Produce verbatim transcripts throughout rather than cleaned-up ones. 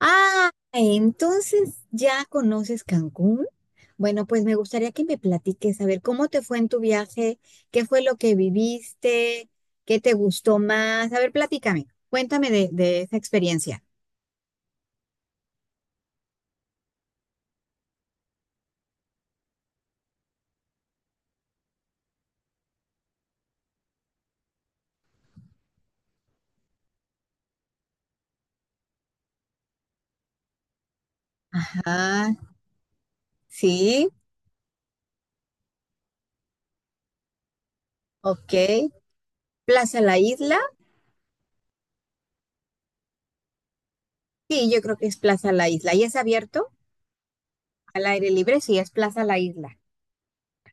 Ah, entonces ya conoces Cancún. Bueno, pues me gustaría que me platiques, a ver, ¿cómo te fue en tu viaje? ¿Qué fue lo que viviste? ¿Qué te gustó más? A ver, platícame, cuéntame de, de esa experiencia. Ah, sí, ok. Plaza La Isla. Sí, yo creo que es Plaza La Isla. ¿Y es abierto al aire libre? Sí, es Plaza La Isla.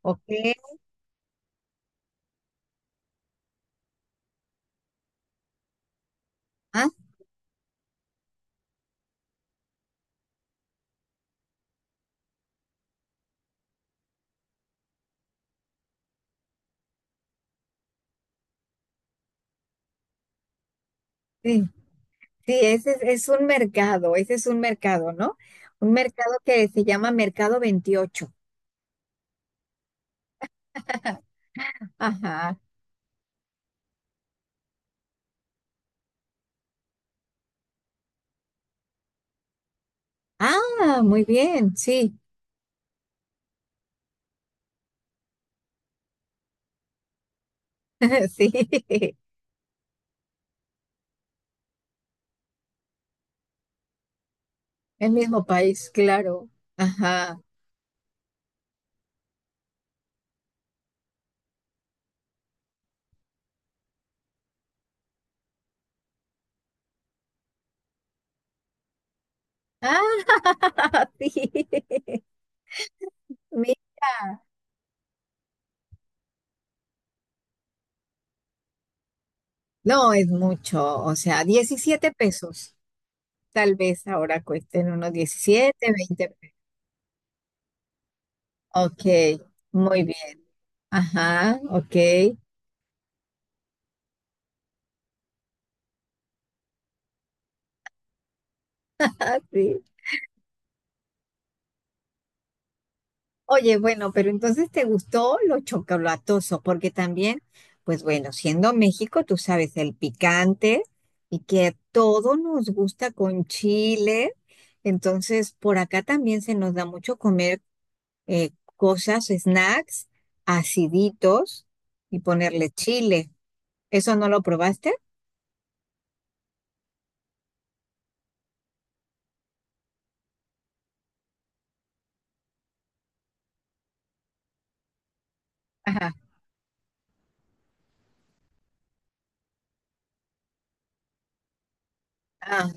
Ok. Ah, sí, sí, ese es, es un mercado, ese es un mercado, ¿no? Un mercado que se llama Mercado Veintiocho. Ajá. Ah, muy bien, sí, sí, el mismo país, claro. Ajá. Ah, sí. Mira, no es mucho, o sea, diecisiete pesos. Tal vez ahora cuesten unos diecisiete veinte pesos. Ok, muy bien. Ajá, ok. Sí. Oye, bueno, pero entonces te gustó lo chocolatoso, porque también, pues bueno, siendo México, tú sabes, el picante y que a todo nos gusta con chile, entonces por acá también se nos da mucho comer eh, cosas, snacks, aciditos y ponerle chile. ¿Eso no lo probaste? Ajá. Ah,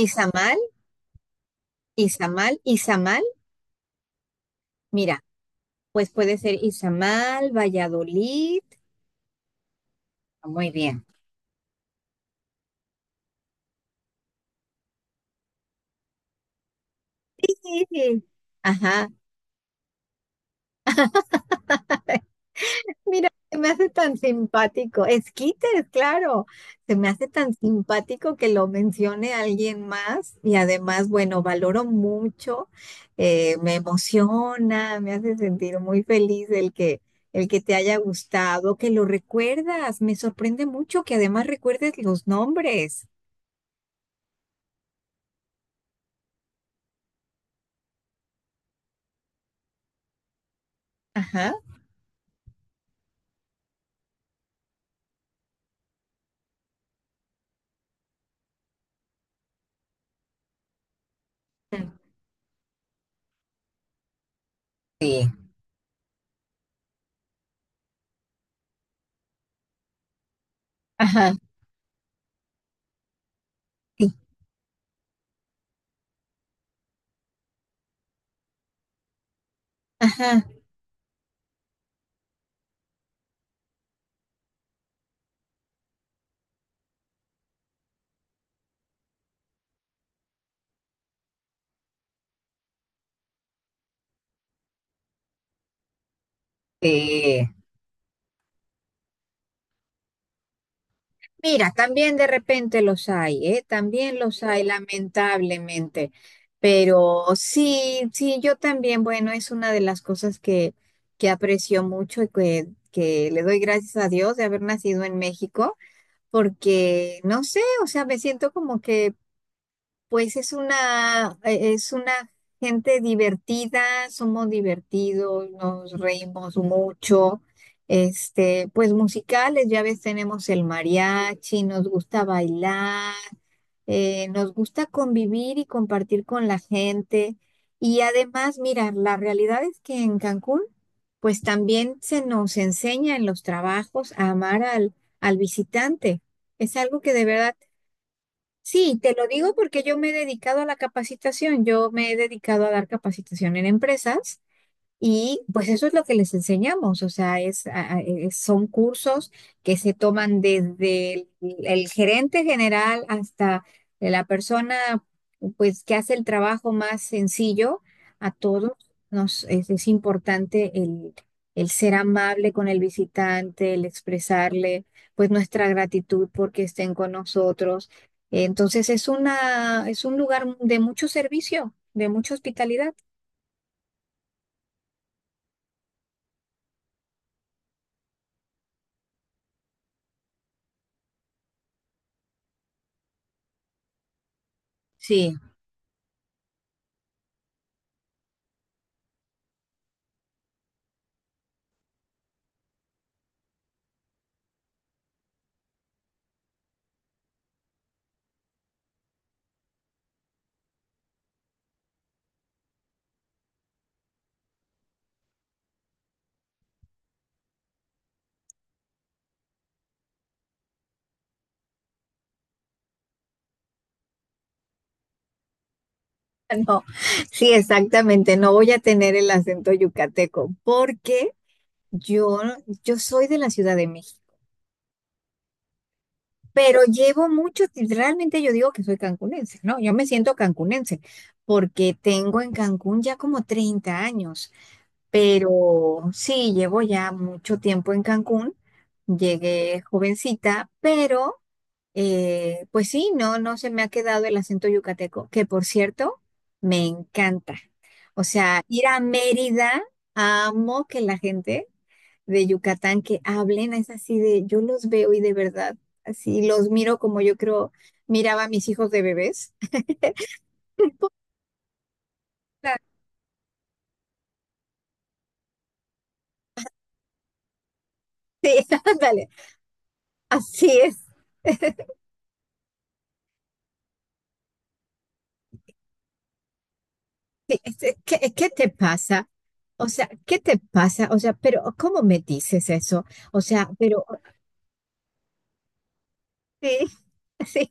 Izamal, Izamal, Izamal. Mira, pues puede ser Izamal, Valladolid. Muy bien. Sí. Ajá. Mira, se me hace tan simpático. Esquites, claro. Se me hace tan simpático que lo mencione alguien más y además, bueno, valoro mucho, eh, me emociona, me hace sentir muy feliz el que, el que te haya gustado, que lo recuerdas. Me sorprende mucho que además recuerdes los nombres. Ajá. Sí. Ajá. Sí. Ajá. Sí. Mira, también de repente los hay, ¿eh? También los hay, lamentablemente. Pero sí, sí, yo también, bueno, es una de las cosas que, que aprecio mucho y que, que le doy gracias a Dios de haber nacido en México, porque no sé, o sea, me siento como que pues es una, eh, es una gente divertida, somos divertidos, nos reímos mucho. Este, pues musicales, ya ves, tenemos el mariachi, nos gusta bailar, eh, nos gusta convivir y compartir con la gente. Y además, mira, la realidad es que en Cancún, pues también se nos enseña en los trabajos a amar al, al visitante. Es algo que de verdad Sí, te lo digo porque yo me he dedicado a la capacitación, yo me he dedicado a dar capacitación en empresas. Y pues eso es lo que les enseñamos, o sea, es, a- a- es- son cursos que se toman desde el, el gerente general hasta la persona pues que hace el trabajo más sencillo. A todos nos es, es importante el, el ser amable con el visitante, el expresarle pues nuestra gratitud porque estén con nosotros. Entonces es una, es un lugar de mucho servicio, de mucha hospitalidad. Sí, no, sí, exactamente. No voy a tener el acento yucateco porque yo, yo soy de la Ciudad de México, pero llevo mucho, realmente yo digo que soy cancunense, ¿no? Yo me siento cancunense porque tengo en Cancún ya como treinta años, pero sí, llevo ya mucho tiempo en Cancún. Llegué jovencita, pero Eh, pues sí, no, no se me ha quedado el acento yucateco, que por cierto, me encanta. O sea, ir a Mérida, amo que la gente de Yucatán que hablen, es así de, yo los veo y de verdad, así los miro como yo creo, miraba a mis hijos de bebés. Sí, ándale, así es. Sí, es- es que- ¿Qué, te pasa? O sea, ¿qué te pasa? O sea, pero ¿cómo me dices eso? O sea, pero sí, sí.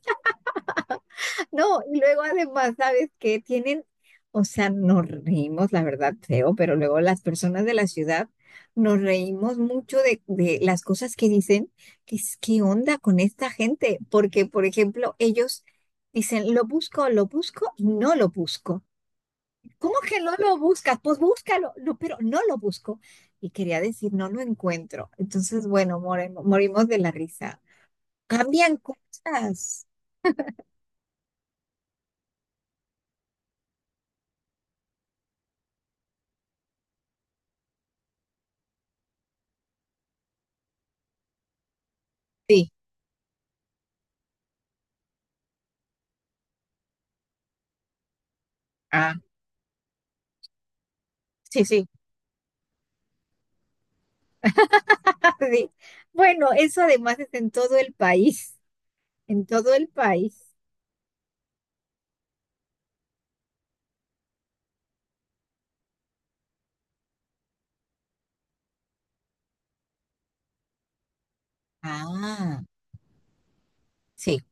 No, y luego además, ¿sabes qué? Tienen, o sea, nos reímos, la verdad, feo, pero luego las personas de la ciudad nos reímos mucho de, de las cosas que dicen, que es, ¿qué onda con esta gente? Porque, por ejemplo, ellos dicen, lo busco, lo busco y no lo busco. ¿Cómo que no lo buscas? Pues búscalo, no, pero no lo busco. Y quería decir, no lo encuentro. Entonces, bueno, moremo- morimos de la risa. Cambian cosas. Sí, ah, sí, sí, sí. Bueno, eso además es en todo el país, en todo el país. Ah, sí.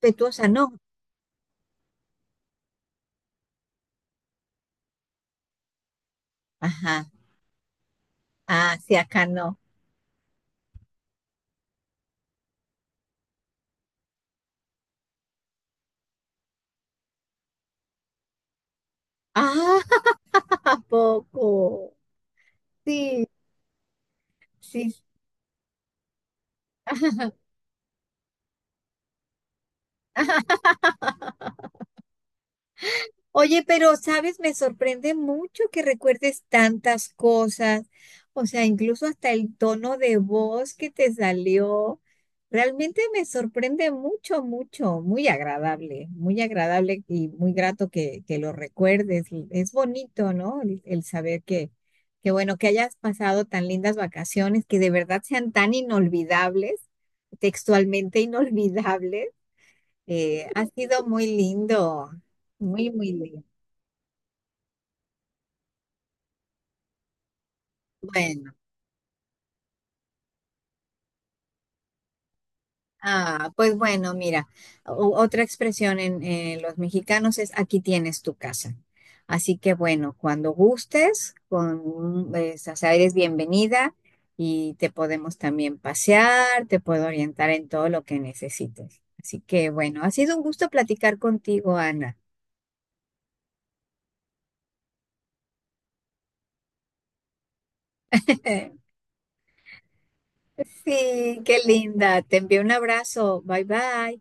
Respetuosa, no. Ajá. Ah, sí, acá no. Ah, ¿a poco. Sí, sí. Oye, pero sabes, me sorprende mucho que recuerdes tantas cosas, o sea, incluso hasta el tono de voz que te salió. Realmente me sorprende mucho, mucho, muy agradable, muy agradable y muy grato que, que lo recuerdes. Es bonito, ¿no? El, el saber que, que, bueno, que hayas pasado tan lindas vacaciones, que de verdad sean tan inolvidables, textualmente inolvidables. Eh, ha sido muy lindo, muy, muy lindo. Bueno, ah, pues bueno, mira, o- otra expresión en, en los mexicanos es aquí tienes tu casa. Así que bueno, cuando gustes, con, un- es- o sea, eres bienvenida y te podemos también pasear, te puedo orientar en todo lo que necesites. Así que bueno, ha sido un gusto platicar contigo, Ana. Sí, qué linda. Te envío un abrazo. Bye bye.